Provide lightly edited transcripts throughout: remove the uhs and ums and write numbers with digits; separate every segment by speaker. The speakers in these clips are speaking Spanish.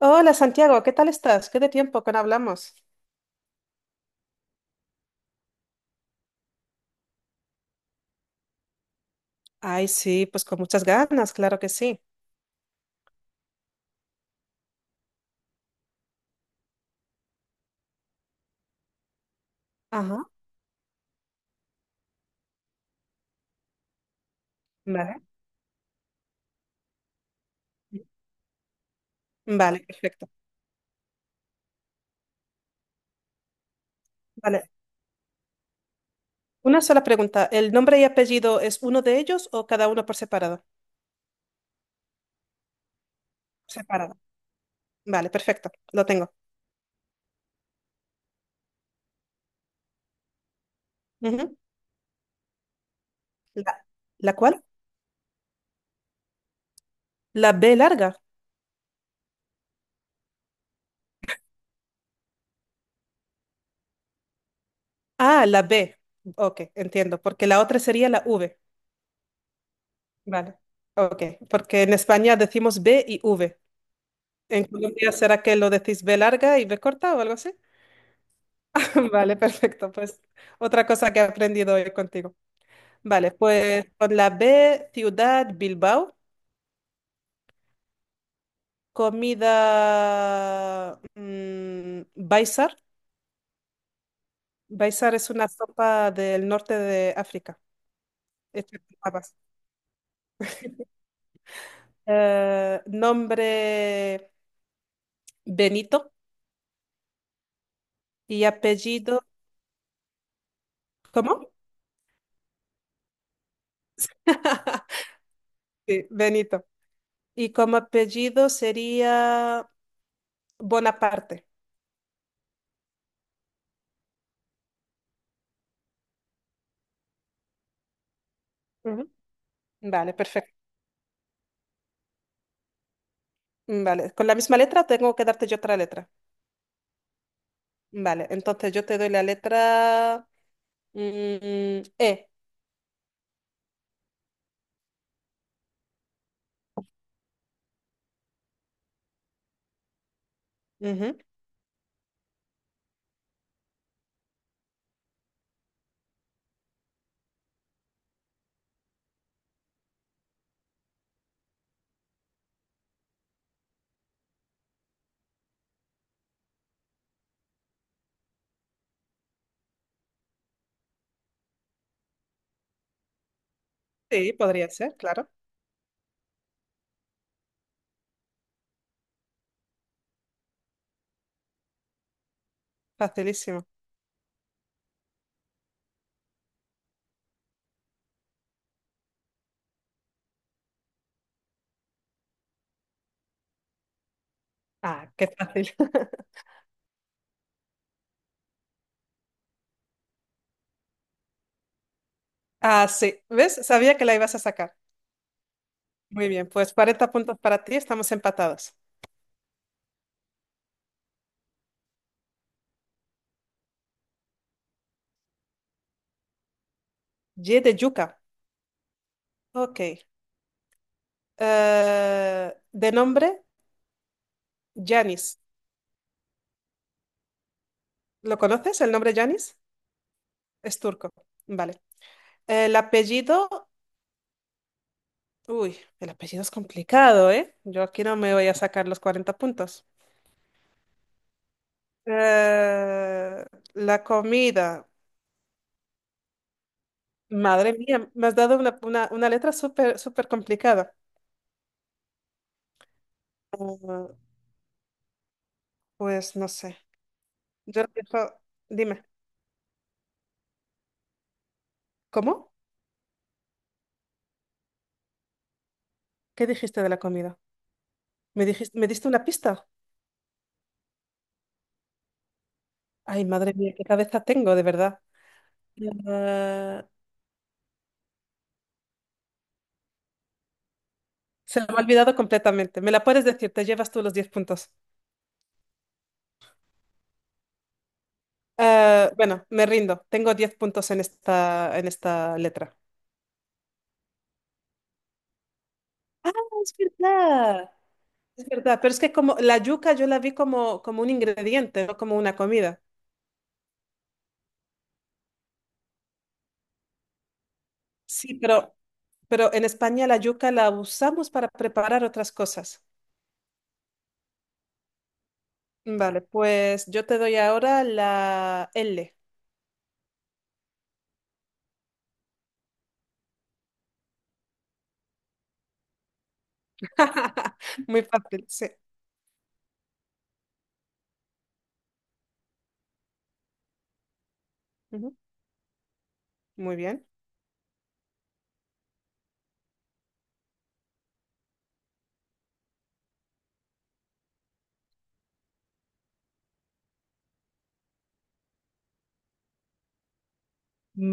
Speaker 1: Hola Santiago, ¿qué tal estás? ¿Qué de tiempo que no hablamos? Ay, sí, pues con muchas ganas, claro que sí. Ajá. Vale. Vale, perfecto. Vale. Una sola pregunta. ¿El nombre y apellido es uno de ellos o cada uno por separado? Separado. Vale, perfecto. Lo tengo. Ujú. ¿La, la cuál? La B larga. Ah, la B. Ok, entiendo, porque la otra sería la V. Vale. Ok, porque en España decimos B y V. ¿En Colombia será que lo decís B larga y B corta o algo así? Vale, perfecto. Pues otra cosa que he aprendido hoy contigo. Vale, pues con la B, ciudad, Bilbao, comida, baisar. Baisar es una sopa del norte de África, hecha con habas. Nombre Benito y apellido, ¿cómo? Sí, Benito. Y como apellido sería Bonaparte. Ujú. Vale, perfecto. Vale, con la misma letra tengo que darte yo otra letra. Vale, entonces yo te doy la letra E. Ujú. Sí, podría ser, claro. Facilísimo. Ah, qué fácil. Ah, sí. ¿Ves? Sabía que la ibas a sacar. Muy bien, pues 40 puntos para ti, estamos empatados. Y de yuca. Ok. De nombre, Yanis. ¿Lo conoces? ¿El nombre Yanis? Es turco. Vale. El apellido. Uy, el apellido es complicado, ¿eh? Yo aquí no me voy a sacar los 40 puntos. Eh, la comida. Madre mía, me has dado una letra súper, súper complicada. Ah, pues no sé. Yo digo, dime, ¿cómo? ¿Qué dijiste de la comida? ¿Me dijiste, me diste una pista? Ay, madre mía, qué cabeza tengo, de verdad. Ah, se me ha olvidado completamente. Me la puedes decir, te llevas tú los 10 puntos. Ah, bueno, me rindo. Tengo 10 puntos en esta letra. Ah, es verdad. Es verdad, pero es que como la yuca yo la vi como, como un ingrediente, no como una comida. Sí, pero en España la yuca la usamos para preparar otras cosas. Vale, pues yo te doy ahora la L. Muy fácil, sí. Ujú, muy bien.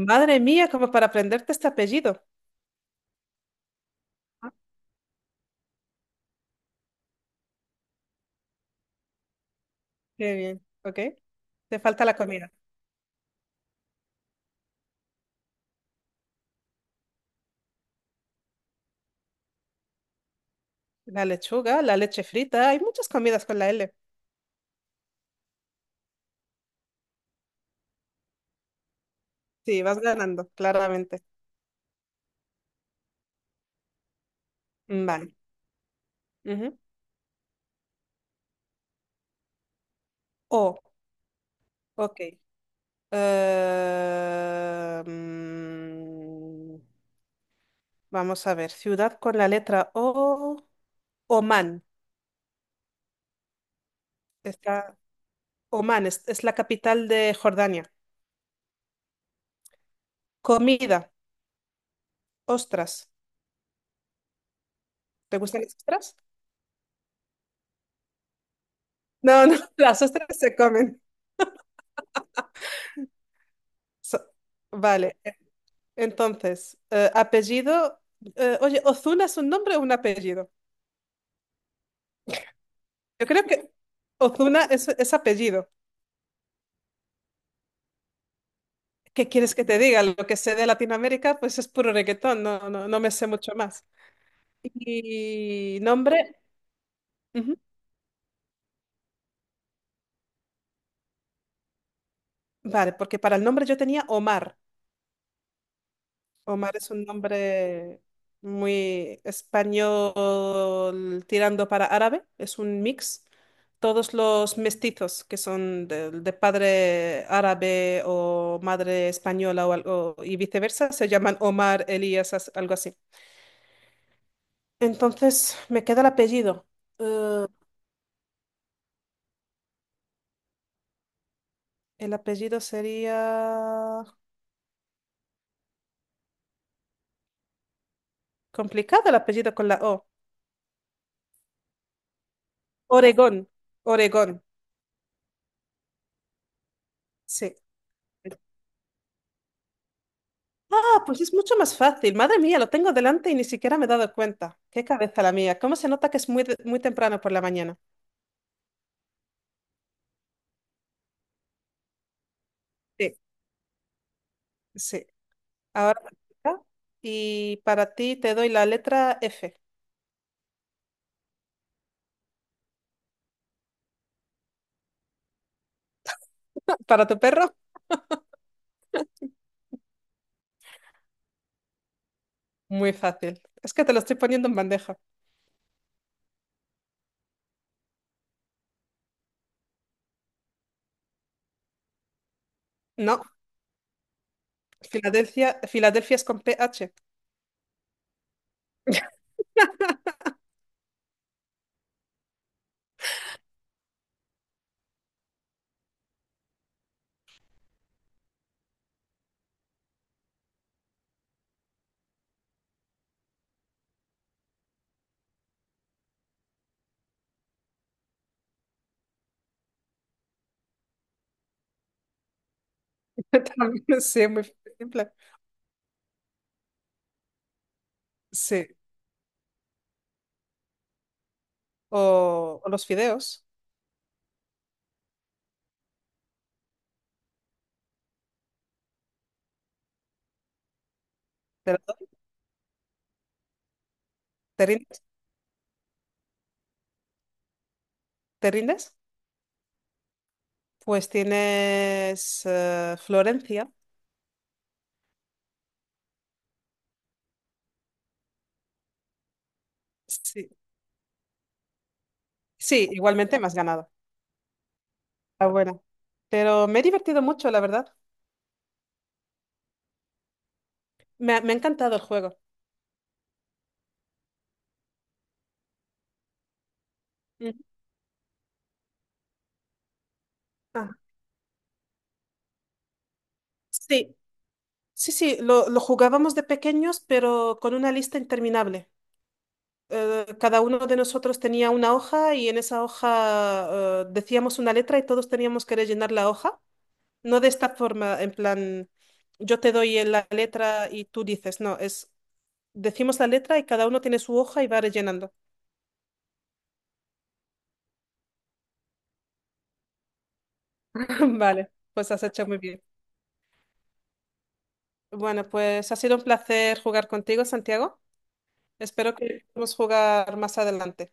Speaker 1: Madre mía, como para aprenderte este apellido. Ah, qué bien, ok. Te falta la comida. La lechuga, la leche frita, hay muchas comidas con la L. Sí, vas ganando, claramente. Vale. Ujú. O, ok. Eh, mm, vamos a ver, ciudad con la letra O, Oman. Está, Oman es la capital de Jordania. Comida, ostras. ¿Te gustan las ostras? No, no, las ostras se comen. So- vale, entonces, apellido. Oye, ¿Ozuna es un nombre o un apellido? Yo creo que Ozuna es apellido. ¿Qué quieres que te diga? Lo que sé de Latinoamérica, pues es puro reggaetón, no, no, no me sé mucho más. Y nombre, ujú, vale, porque para el nombre yo tenía Omar. Omar es un nombre muy español tirando para árabe, es un mix. Todos los mestizos que son de padre árabe o madre española o, algo- y viceversa se llaman Omar, Elías, as- algo así. Entonces, me queda el apellido. Eh, el apellido sería... Complicado el apellido con la O. Oregón. Oregón. Sí. Ah, pues es mucho más fácil. Madre mía, lo tengo delante y ni siquiera me he dado cuenta. Qué cabeza la mía. ¿Cómo se nota que es muy, de- muy temprano por la mañana? Sí, sí. Ahora, y para ti te doy la letra F. ¿Para tu perro? Muy fácil. Es que te lo estoy poniendo en bandeja. No, Filadelfia, Filadelfia es con PH. También, sí, es muy simple. Sí. O los fideos. ¿Te, la doy? ¿Te rindes? ¿Te rindes? Pues tienes Florencia. Sí. Sí, igualmente me has ganado. Está buena. Pero me he divertido mucho, la verdad. Me ha encantado el juego. Ujú. Ah, sí, sí, sí, lo jugábamos de pequeños, pero con una lista interminable. Cada uno de nosotros tenía una hoja y en esa hoja decíamos una letra y todos teníamos que rellenar la hoja. No de esta forma, en plan, yo te doy la letra y tú dices, no, es, decimos la letra y cada uno tiene su hoja y va rellenando. Vale. Pues has hecho muy bien. Bueno, pues ha sido un placer jugar contigo, Santiago. Espero que podamos jugar más adelante.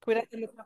Speaker 1: Cuídate mucho.